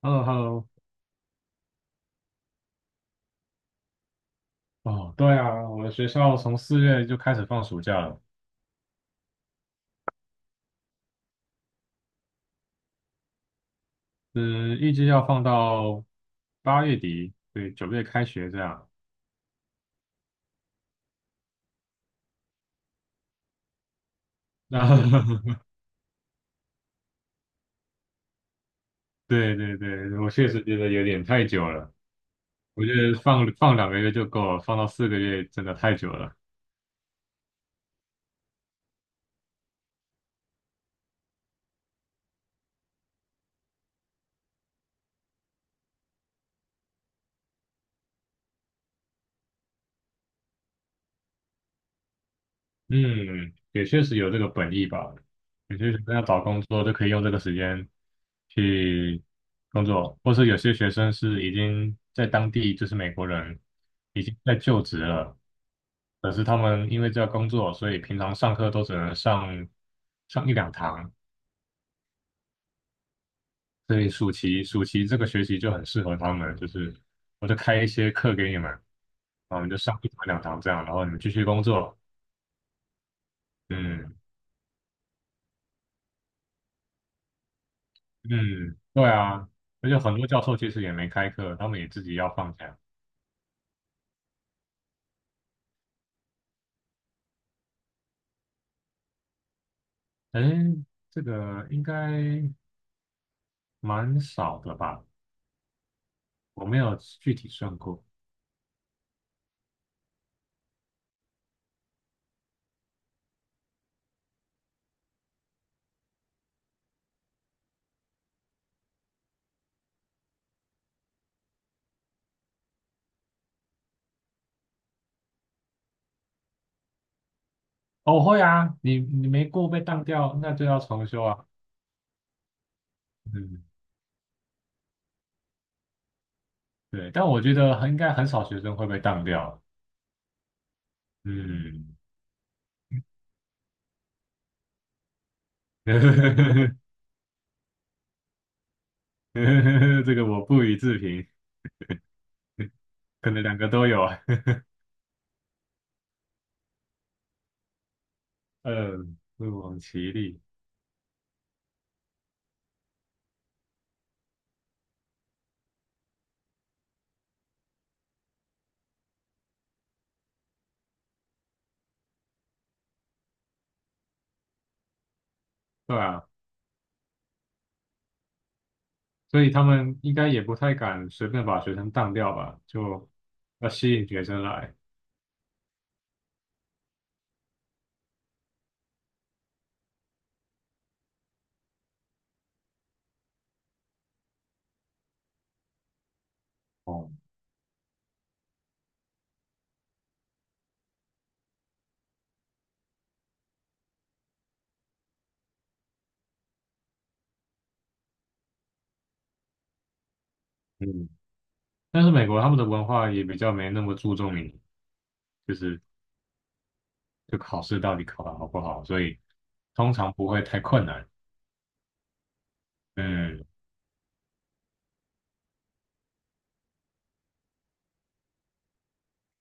嗯喽。哦，对啊，我们学校从四月就开始放暑假了，嗯，预计要放到八月底，对，九月开学这样。那 对对对，我确实觉得有点太久了，我觉得放两个月就够了，放到四个月真的太久了。嗯，也确实有这个本意吧。有些学生要找工作就可以用这个时间去工作，或是有些学生是已经在当地，就是美国人已经在就职了，可是他们因为这个工作，所以平常上课都只能上一两堂，所以暑期这个学期就很适合他们，就是我就开一些课给你们，然后你就上一堂两堂这样，然后你们继续工作。嗯。嗯，对啊，而且很多教授其实也没开课，他们也自己要放假。哎，这个应该蛮少的吧？我没有具体算过。哦，会啊，你没过被当掉，那就要重修啊。嗯，对，但我觉得很应该很少学生会被当掉。嗯，这个我不予置评，可能两个都有啊。嗯，不遑其力。对啊，所以他们应该也不太敢随便把学生当掉吧，就要吸引学生来。哦，嗯，但是美国他们的文化也比较没那么注重你，就是就考试到底考得好不好，所以通常不会太困难。嗯，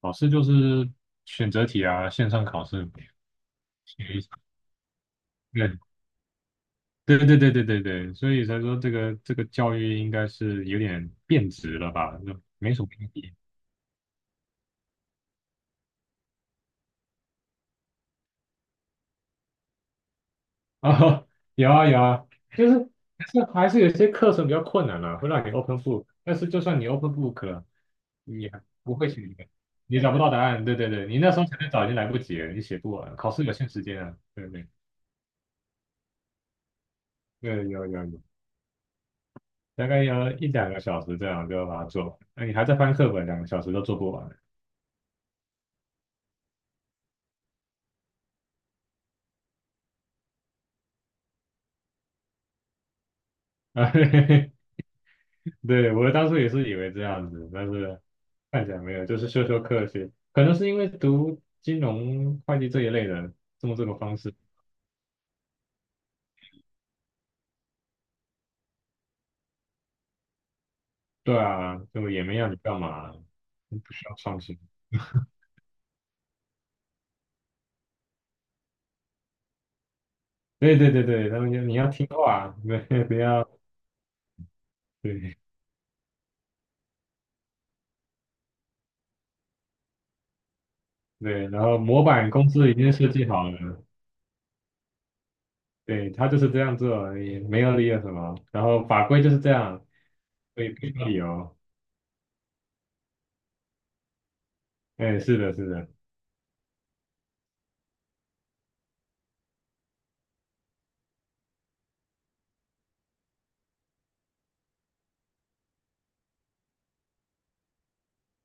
考试就是选择题啊，线上考试。写一对对对对对对对，所以才说这个教育应该是有点变质了吧，就没什么意义。啊，有啊有啊，就是还是有些课程比较困难了、会让你 open book,但是就算你 open book 了，你还不会写，你找不到答案，对对对，你那时候前面找已经来不及了，你写不完，考试有限时间啊，对对对，有有有，大概要一两个小时这样就要把它做完，那你还在翻课本，两个小时都做不完啊。对，我当初也是以为这样子，但是看起来没有，就是修学，可能是因为读金融会计这一类的，这么这个方式。对啊，就也没要你干嘛，不需要创新。对对对对，他们就你要听话，对，不要对对，然后模板公司已经设计好了，对，他就是这样做，也没有理由什么，然后法规就是这样，所以不需要理由。哎，是的，是的，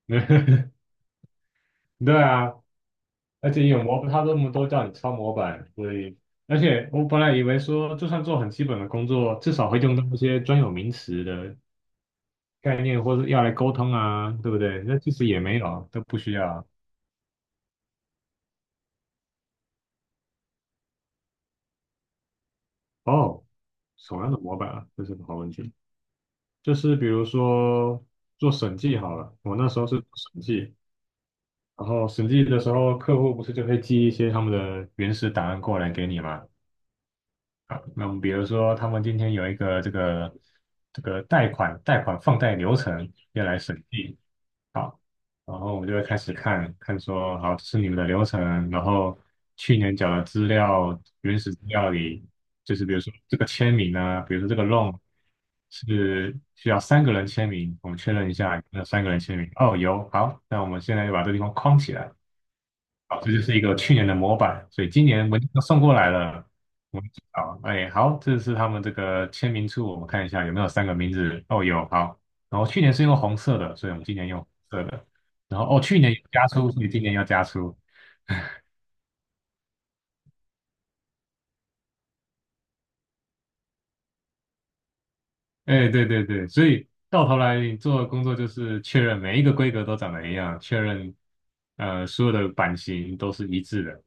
对啊，而且有模，他这么多叫你抄模板，所以而且我本来以为说，就算做很基本的工作，至少会用到一些专有名词的概念，或者要来沟通啊，对不对？那其实也没有，都不需要。哦，什么样的模板啊？这是个好问题。就是比如说做审计好了，我那时候是做审计，然后审计的时候，客户不是就会寄一些他们的原始档案过来给你吗？好，那我们比如说，他们今天有一个这个贷款放贷流程要来审计，好，然后我们就会开始看看说，好，这是你们的流程，然后去年缴的资料原始资料里，就是比如说这个签名呢，比如说这个 loan 是需要三个人签名，我们确认一下有没有三个人签名，哦，有，好，那我们现在就把这地方框起来。好，这就是一个去年的模板，所以今年文件都送过来了，我们好，哎，好，这是他们这个签名处，我们看一下有没有三个名字，哦，有，好，然后去年是用红色的，所以我们今年用红色的，然后哦，去年有加粗，所以今年要加粗，哎，对对对，所以到头来你做的工作就是确认每一个规格都长得一样，确认所有的版型都是一致的。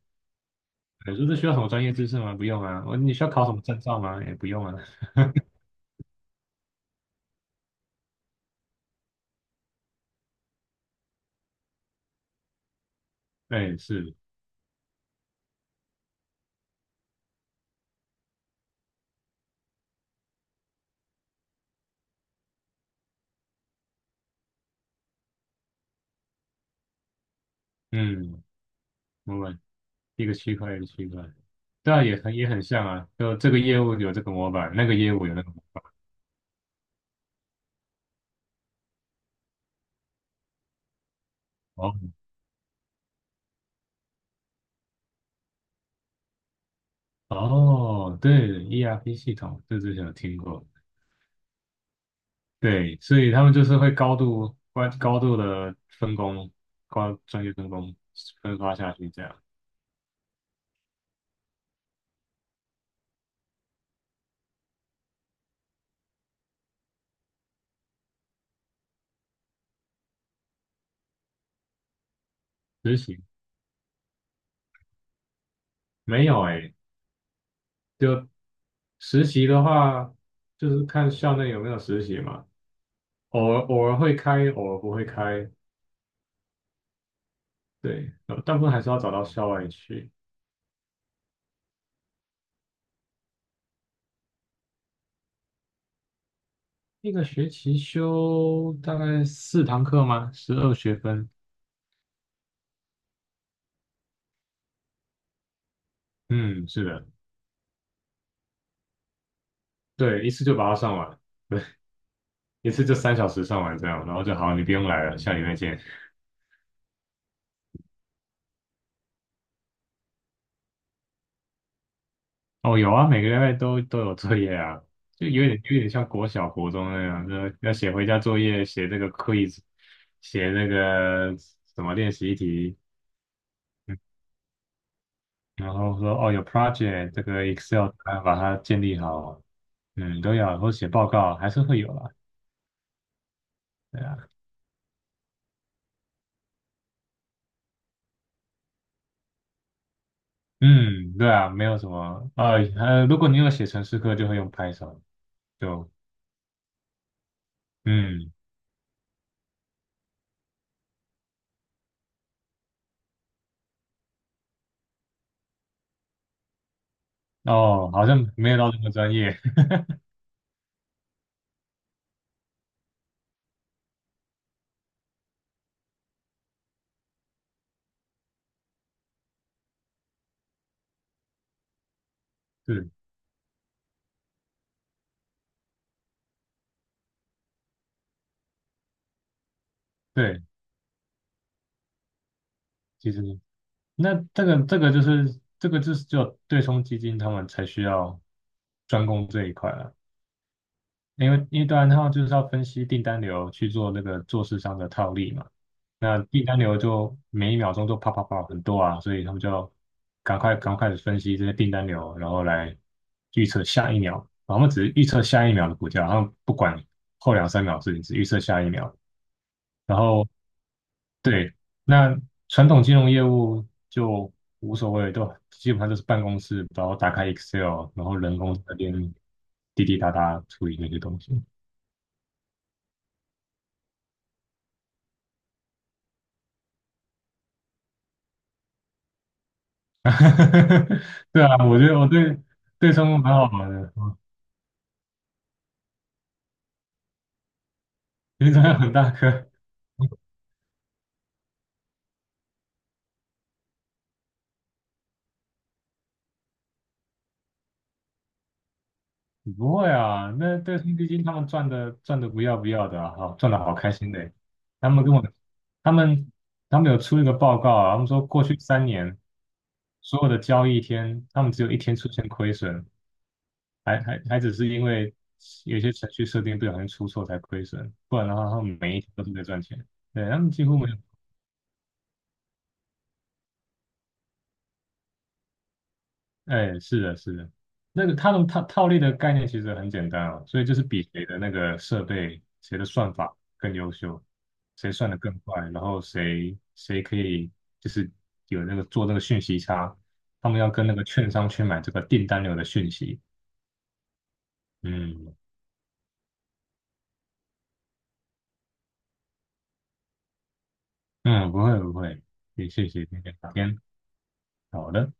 你说这需要什么专业知识吗？不用啊，哦你需要考什么证照吗？也不用啊，对，是，嗯，没问题。一个区块一个区块，对啊，也很也很像啊，就这个业务有这个模板，那个业务有那个模板。哦，哦，对，ERP 系统，这之前有听过。对，所以他们就是会高度的分工，高专业分工分发下去这样。实习没有哎、就实习的话，就是看校内有没有实习嘛，偶尔会开，偶尔不会开。对，大部分还是要找到校外去。一个学期修大概四堂课吗？十二学分。嗯，是的，对，一次就把它上完，一次就三小时上完这样，然后就好，你不用来了，下礼拜见。哦，有啊，每个礼拜都有作业啊，就有点像国小、国中那样，就要写回家作业，写这个 quiz,写那个什么练习题，嗯然后说哦有 project 这个 Excel 档案把它建立好，嗯，都要，然后写报告还是会有啦。对啊嗯，对啊，没有什么啊，如果你有写程式课，就会用 Python,就嗯，哦，好像没有到那么专业，对对，其实那这个就是这个就是就对冲基金他们才需要专攻这一块了，因为因为当然他们就是要分析订单流去做那个做市商的套利嘛。那订单流就每一秒钟都啪啪啪很多啊，所以他们就要赶快的分析这些订单流，然后来预测下一秒。然后他们只是预测下一秒的股价，然后不管后两三秒的事情，只预测下一秒。然后对，那传统金融业务就无所谓，都基本上都是办公室，然后打开 Excel,然后人工在那边滴滴答答处理那些东西。对啊，我觉得我对对中文蛮好玩的，嗯，因为中文很大颗。不会啊，那对冲基金他们赚的不要不要的啊，好赚的好开心的。他们跟我，他们他们有出一个报告啊，他们说过去三年所有的交易天，他们只有一天出现亏损，还只是因为有些程序设定不小心出错才亏损，不然的话他们每一天都是在赚钱。对，他们几乎没有。哎，是的，是的，那个他们套利的概念其实很简单啊，所以就是比谁的那个设备、谁的算法更优秀，谁算得更快，然后谁可以就是有那个做那个讯息差，他们要跟那个券商去买这个订单流的讯息。嗯嗯，不会不会，也谢谢今天的聊天，好的。